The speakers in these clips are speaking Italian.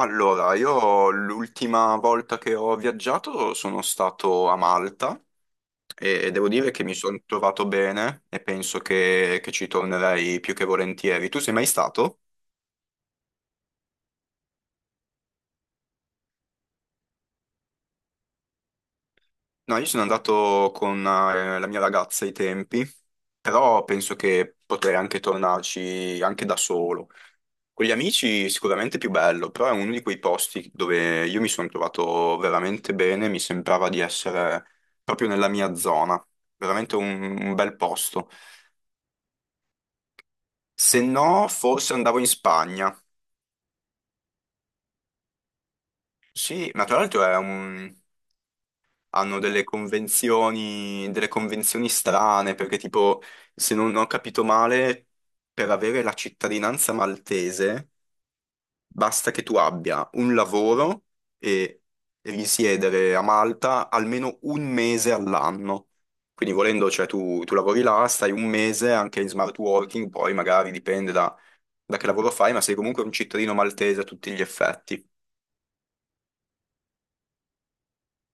Allora, io l'ultima volta che ho viaggiato sono stato a Malta e devo dire che mi sono trovato bene e penso che ci tornerei più che volentieri. Tu sei mai stato? No, io sono andato con la mia ragazza ai tempi, però penso che potrei anche tornarci anche da solo. Con gli amici sicuramente più bello, però è uno di quei posti dove io mi sono trovato veramente bene, mi sembrava di essere proprio nella mia zona, veramente un bel posto. Se no, forse andavo in Spagna. Sì, ma tra l'altro è hanno delle convenzioni, strane, perché tipo, se non ho capito male, per avere la cittadinanza maltese basta che tu abbia un lavoro e risiedere a Malta almeno un mese all'anno. Quindi volendo, cioè tu lavori là, stai un mese anche in smart working, poi magari dipende da che lavoro fai, ma sei comunque un cittadino maltese a tutti gli effetti.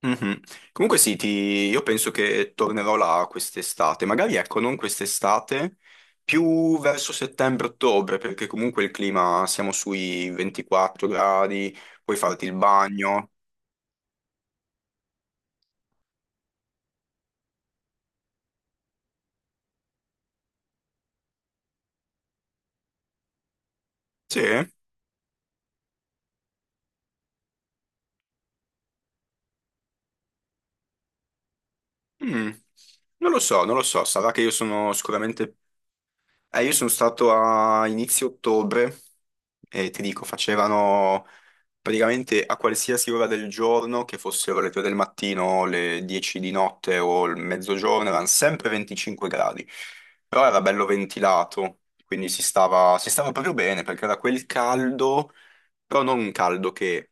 Mhm. Comunque sì, io penso che tornerò là quest'estate, magari ecco, non quest'estate, più verso settembre-ottobre, perché comunque il clima siamo sui 24 gradi, puoi farti il bagno. Sì? Mm. Non lo so, non lo so, sarà che io sono sicuramente. Io sono stato a inizio ottobre e ti dico, facevano praticamente a qualsiasi ora del giorno, che fossero le 3 del mattino, le 10 di notte o il mezzogiorno, erano sempre 25 gradi, però era bello ventilato, quindi si stava proprio bene perché era quel caldo, però non un caldo che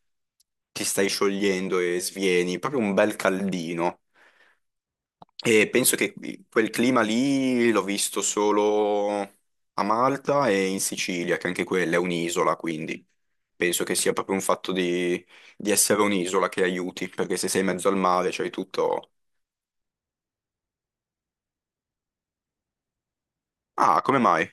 ti stai sciogliendo e svieni, proprio un bel caldino. E penso che quel clima lì l'ho visto solo a Malta e in Sicilia, che anche quella è un'isola, quindi penso che sia proprio un fatto di essere un'isola che aiuti, perché se sei in mezzo al mare c'hai tutto. Ah, come mai?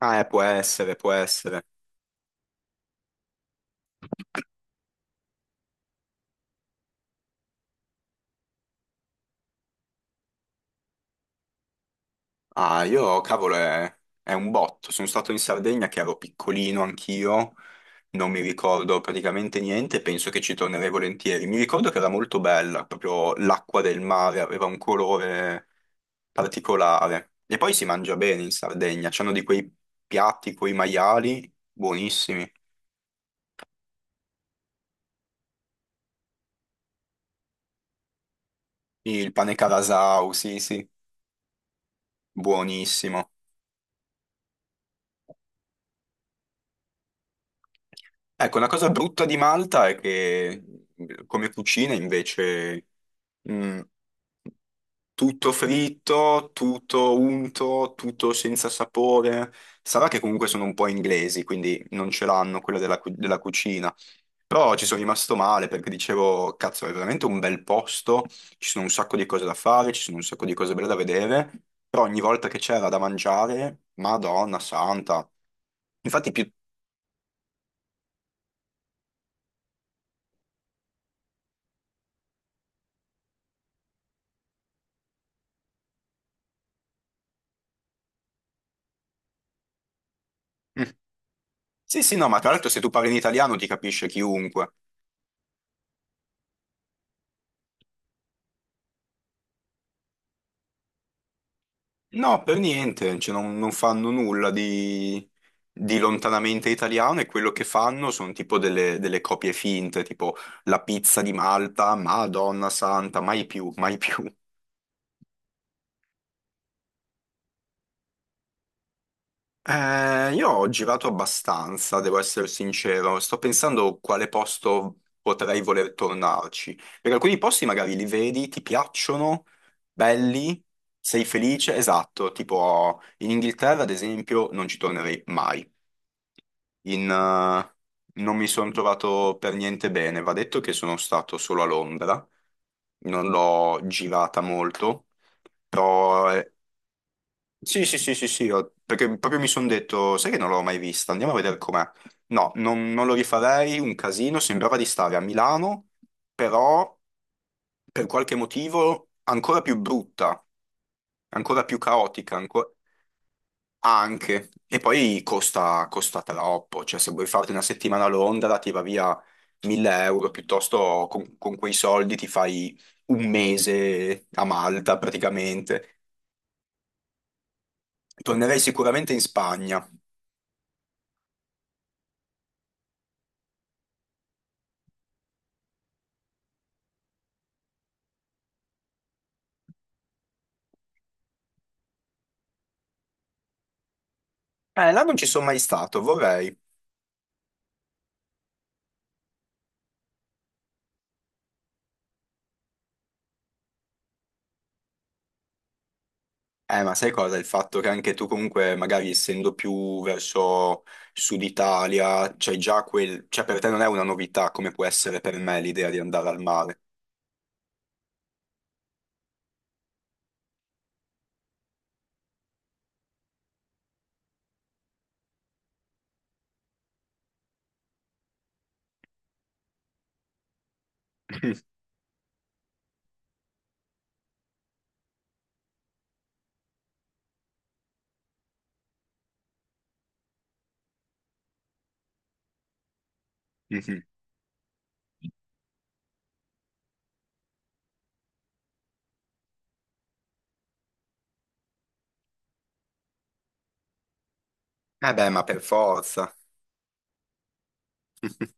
Ah, può essere, può essere. Ah, io, cavolo, è un botto. Sono stato in Sardegna che ero piccolino anch'io, non mi ricordo praticamente niente, penso che ci tornerei volentieri. Mi ricordo che era molto bella, proprio l'acqua del mare aveva un colore particolare. E poi si mangia bene in Sardegna, c'hanno di quei piatti con i maiali buonissimi. Il pane carasau, sì, sì, buonissimo. Ecco, una cosa brutta di Malta è che come cucina invece. Mm. Tutto fritto, tutto unto, tutto senza sapore. Sarà che comunque sono un po' inglesi, quindi non ce l'hanno quella della cucina. Però ci sono rimasto male perché dicevo, cazzo, è veramente un bel posto, ci sono un sacco di cose da fare, ci sono un sacco di cose belle da vedere, però ogni volta che c'era da mangiare, Madonna santa. Infatti più. Mm. Sì, sì, no, ma tra l'altro se tu parli in italiano ti capisce chiunque. No, per niente, cioè, non fanno nulla di lontanamente italiano e quello che fanno sono tipo delle copie finte, tipo la pizza di Malta, Madonna santa, mai più, mai più. Io ho girato abbastanza, devo essere sincero, sto pensando quale posto potrei voler tornarci, perché alcuni posti magari li vedi, ti piacciono, belli, sei felice, esatto, tipo in Inghilterra ad esempio non ci tornerei mai. Non mi sono trovato per niente bene. Va detto che sono stato solo a Londra, non l'ho girata molto, però sì, sì, sì, sì, sì, perché proprio mi sono detto, sai che non l'ho mai vista, andiamo a vedere com'è. No, non lo rifarei, un casino, sembrava di stare a Milano, però per qualche motivo ancora più brutta, ancora più caotica, ancora. Anche. E poi costa, costa troppo, cioè se vuoi farti una settimana a Londra ti va via 1000 euro, piuttosto con quei soldi ti fai un mese a Malta praticamente. Tornerei sicuramente in Spagna. Là non ci sono mai stato, vorrei. Ma sai cosa? Il fatto che anche tu comunque, magari essendo più verso Sud Italia, c'hai già quel. Cioè per te non è una novità come può essere per me l'idea di andare al mare. Eh beh, ma per forza.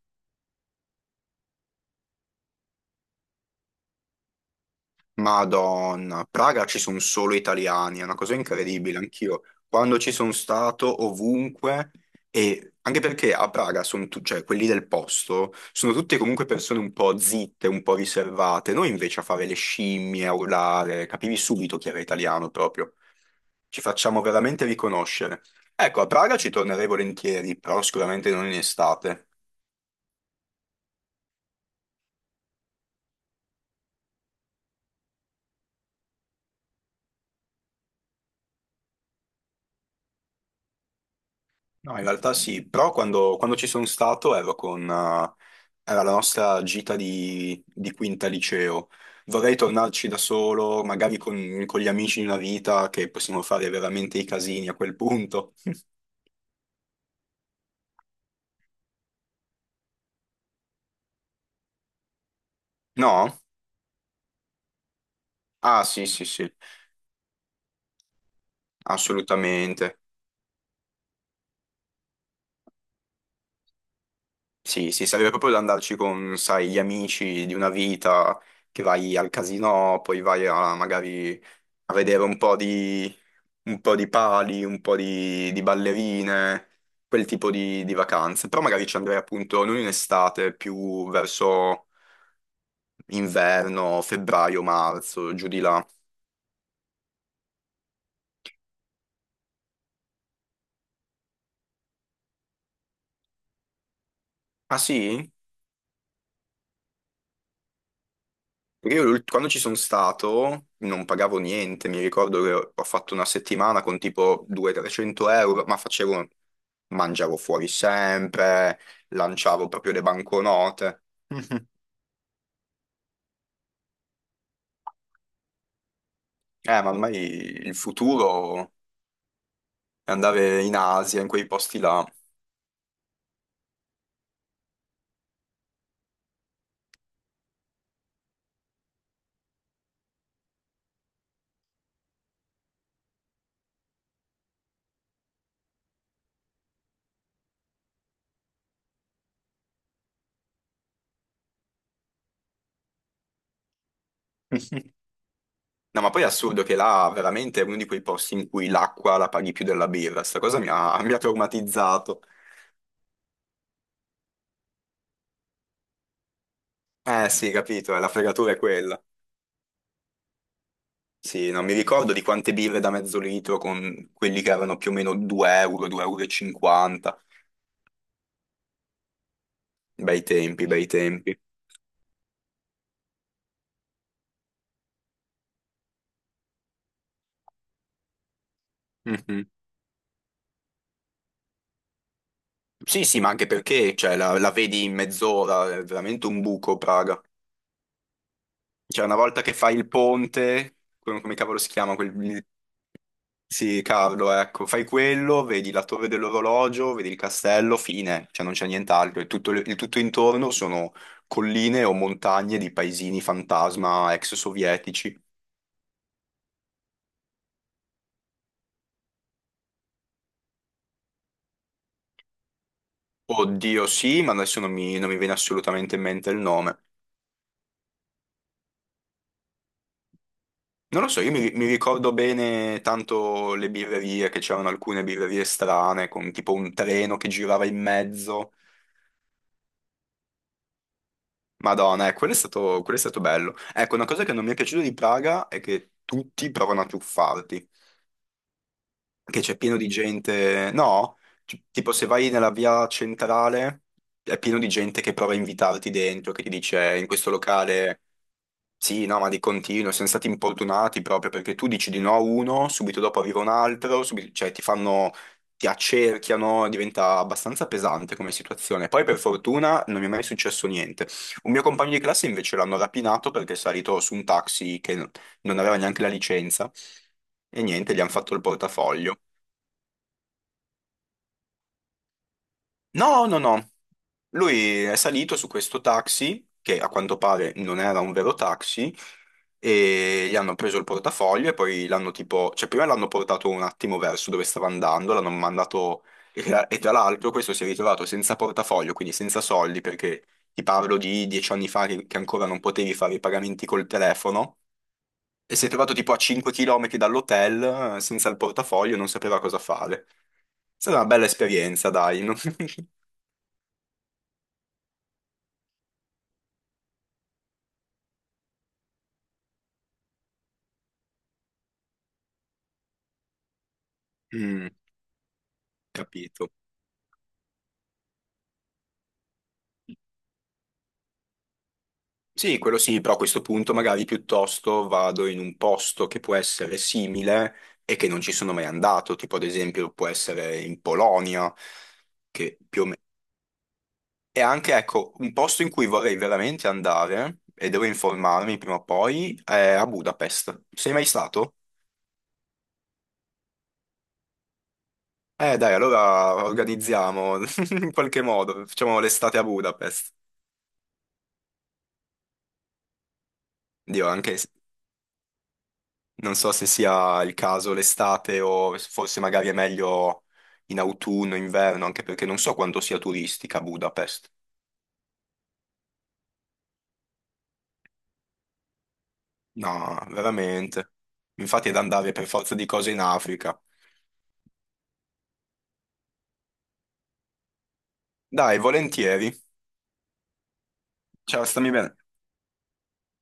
Madonna, a Praga ci sono solo italiani, è una cosa incredibile, anch'io. Quando ci sono stato, ovunque, e anche perché a Praga sono cioè quelli del posto, sono tutte comunque persone un po' zitte, un po' riservate. Noi invece a fare le scimmie, a urlare, capivi subito chi era italiano proprio. Ci facciamo veramente riconoscere. Ecco, a Praga ci tornerei volentieri, però sicuramente non in estate. No, in realtà sì, però quando ci sono stato ero con. Era la nostra gita di quinta liceo. Vorrei tornarci da solo, magari con gli amici di una vita, che possiamo fare veramente i casini a quel punto. No? Ah, sì, sì, sì, assolutamente. Sì, sì, sarebbe proprio da andarci con, sai, gli amici di una vita, che vai al casino, poi vai a, magari a vedere un po' di pali, un po' di ballerine, quel tipo di vacanze. Però magari ci andrei appunto non in estate, più verso inverno, febbraio, marzo, giù di là. Ah sì? Perché io quando ci sono stato non pagavo niente, mi ricordo che ho fatto una settimana con tipo 200-300 euro, ma facevo, mangiavo fuori sempre, lanciavo proprio le banconote. Mhm. Ma ormai il futuro è andare in Asia, in quei posti là. No, ma poi è assurdo che là veramente è uno di quei posti in cui l'acqua la paghi più della birra. Sta cosa mi ha, mi ha traumatizzato. Eh sì, capito, la fregatura è quella. Sì, non mi ricordo di quante birre da mezzo litro con quelli che erano più o meno 2 euro, 2,50 euro. E cinquanta. Bei tempi, bei tempi. Mhm. Sì, sì, ma anche perché cioè, la vedi in mezz'ora, è veramente un buco Praga. Cioè, una volta che fai il ponte, come cavolo si chiama quel. Sì, Carlo, ecco, fai quello, vedi la torre dell'orologio, vedi il castello, fine, cioè non c'è nient'altro. Il tutto intorno sono colline o montagne di paesini fantasma ex sovietici. Oddio, sì, ma adesso non mi viene assolutamente in mente il nome. Non lo so, io mi ricordo bene tanto le birrerie, che c'erano alcune birrerie strane, con tipo un treno che girava in mezzo. Madonna, quello è stato bello. Ecco, una cosa che non mi è piaciuta di Praga è che tutti provano a truffarti. Che c'è pieno di gente. No, tipo se vai nella via centrale è pieno di gente che prova a invitarti dentro, che ti dice in questo locale". Sì, no, ma di continuo, siamo stati importunati proprio perché tu dici di no a uno, subito dopo arriva un altro, cioè ti fanno, ti accerchiano, diventa abbastanza pesante come situazione. Poi per fortuna non mi è mai successo niente. Un mio compagno di classe invece l'hanno rapinato perché è salito su un taxi che non aveva neanche la licenza. E niente, gli hanno fatto il portafoglio. No, no, no. Lui è salito su questo taxi, che a quanto pare non era un vero taxi, e gli hanno preso il portafoglio e poi l'hanno tipo, cioè prima l'hanno portato un attimo verso dove stava andando, l'hanno mandato, e tra l'altro questo si è ritrovato senza portafoglio, quindi senza soldi, perché ti parlo di 10 anni fa che ancora non potevi fare i pagamenti col telefono, e si è trovato tipo a 5 km dall'hotel senza il portafoglio, non sapeva cosa fare. È stata una bella esperienza, dai. No? Mm, capito. Sì, quello sì, però a questo punto magari piuttosto vado in un posto che può essere simile e che non ci sono mai andato, tipo ad esempio può essere in Polonia, che più o meno. E anche, ecco, un posto in cui vorrei veramente andare, e devo informarmi prima o poi, è a Budapest. Sei mai stato? Dai, allora organizziamo in qualche modo, facciamo l'estate a Budapest. Dio, anche. Non so se sia il caso l'estate o se forse magari è meglio in autunno, inverno, anche perché non so quanto sia turistica Budapest. No, veramente. Infatti è da andare per forza di cose in Africa. Dai, volentieri. Ciao, stammi bene.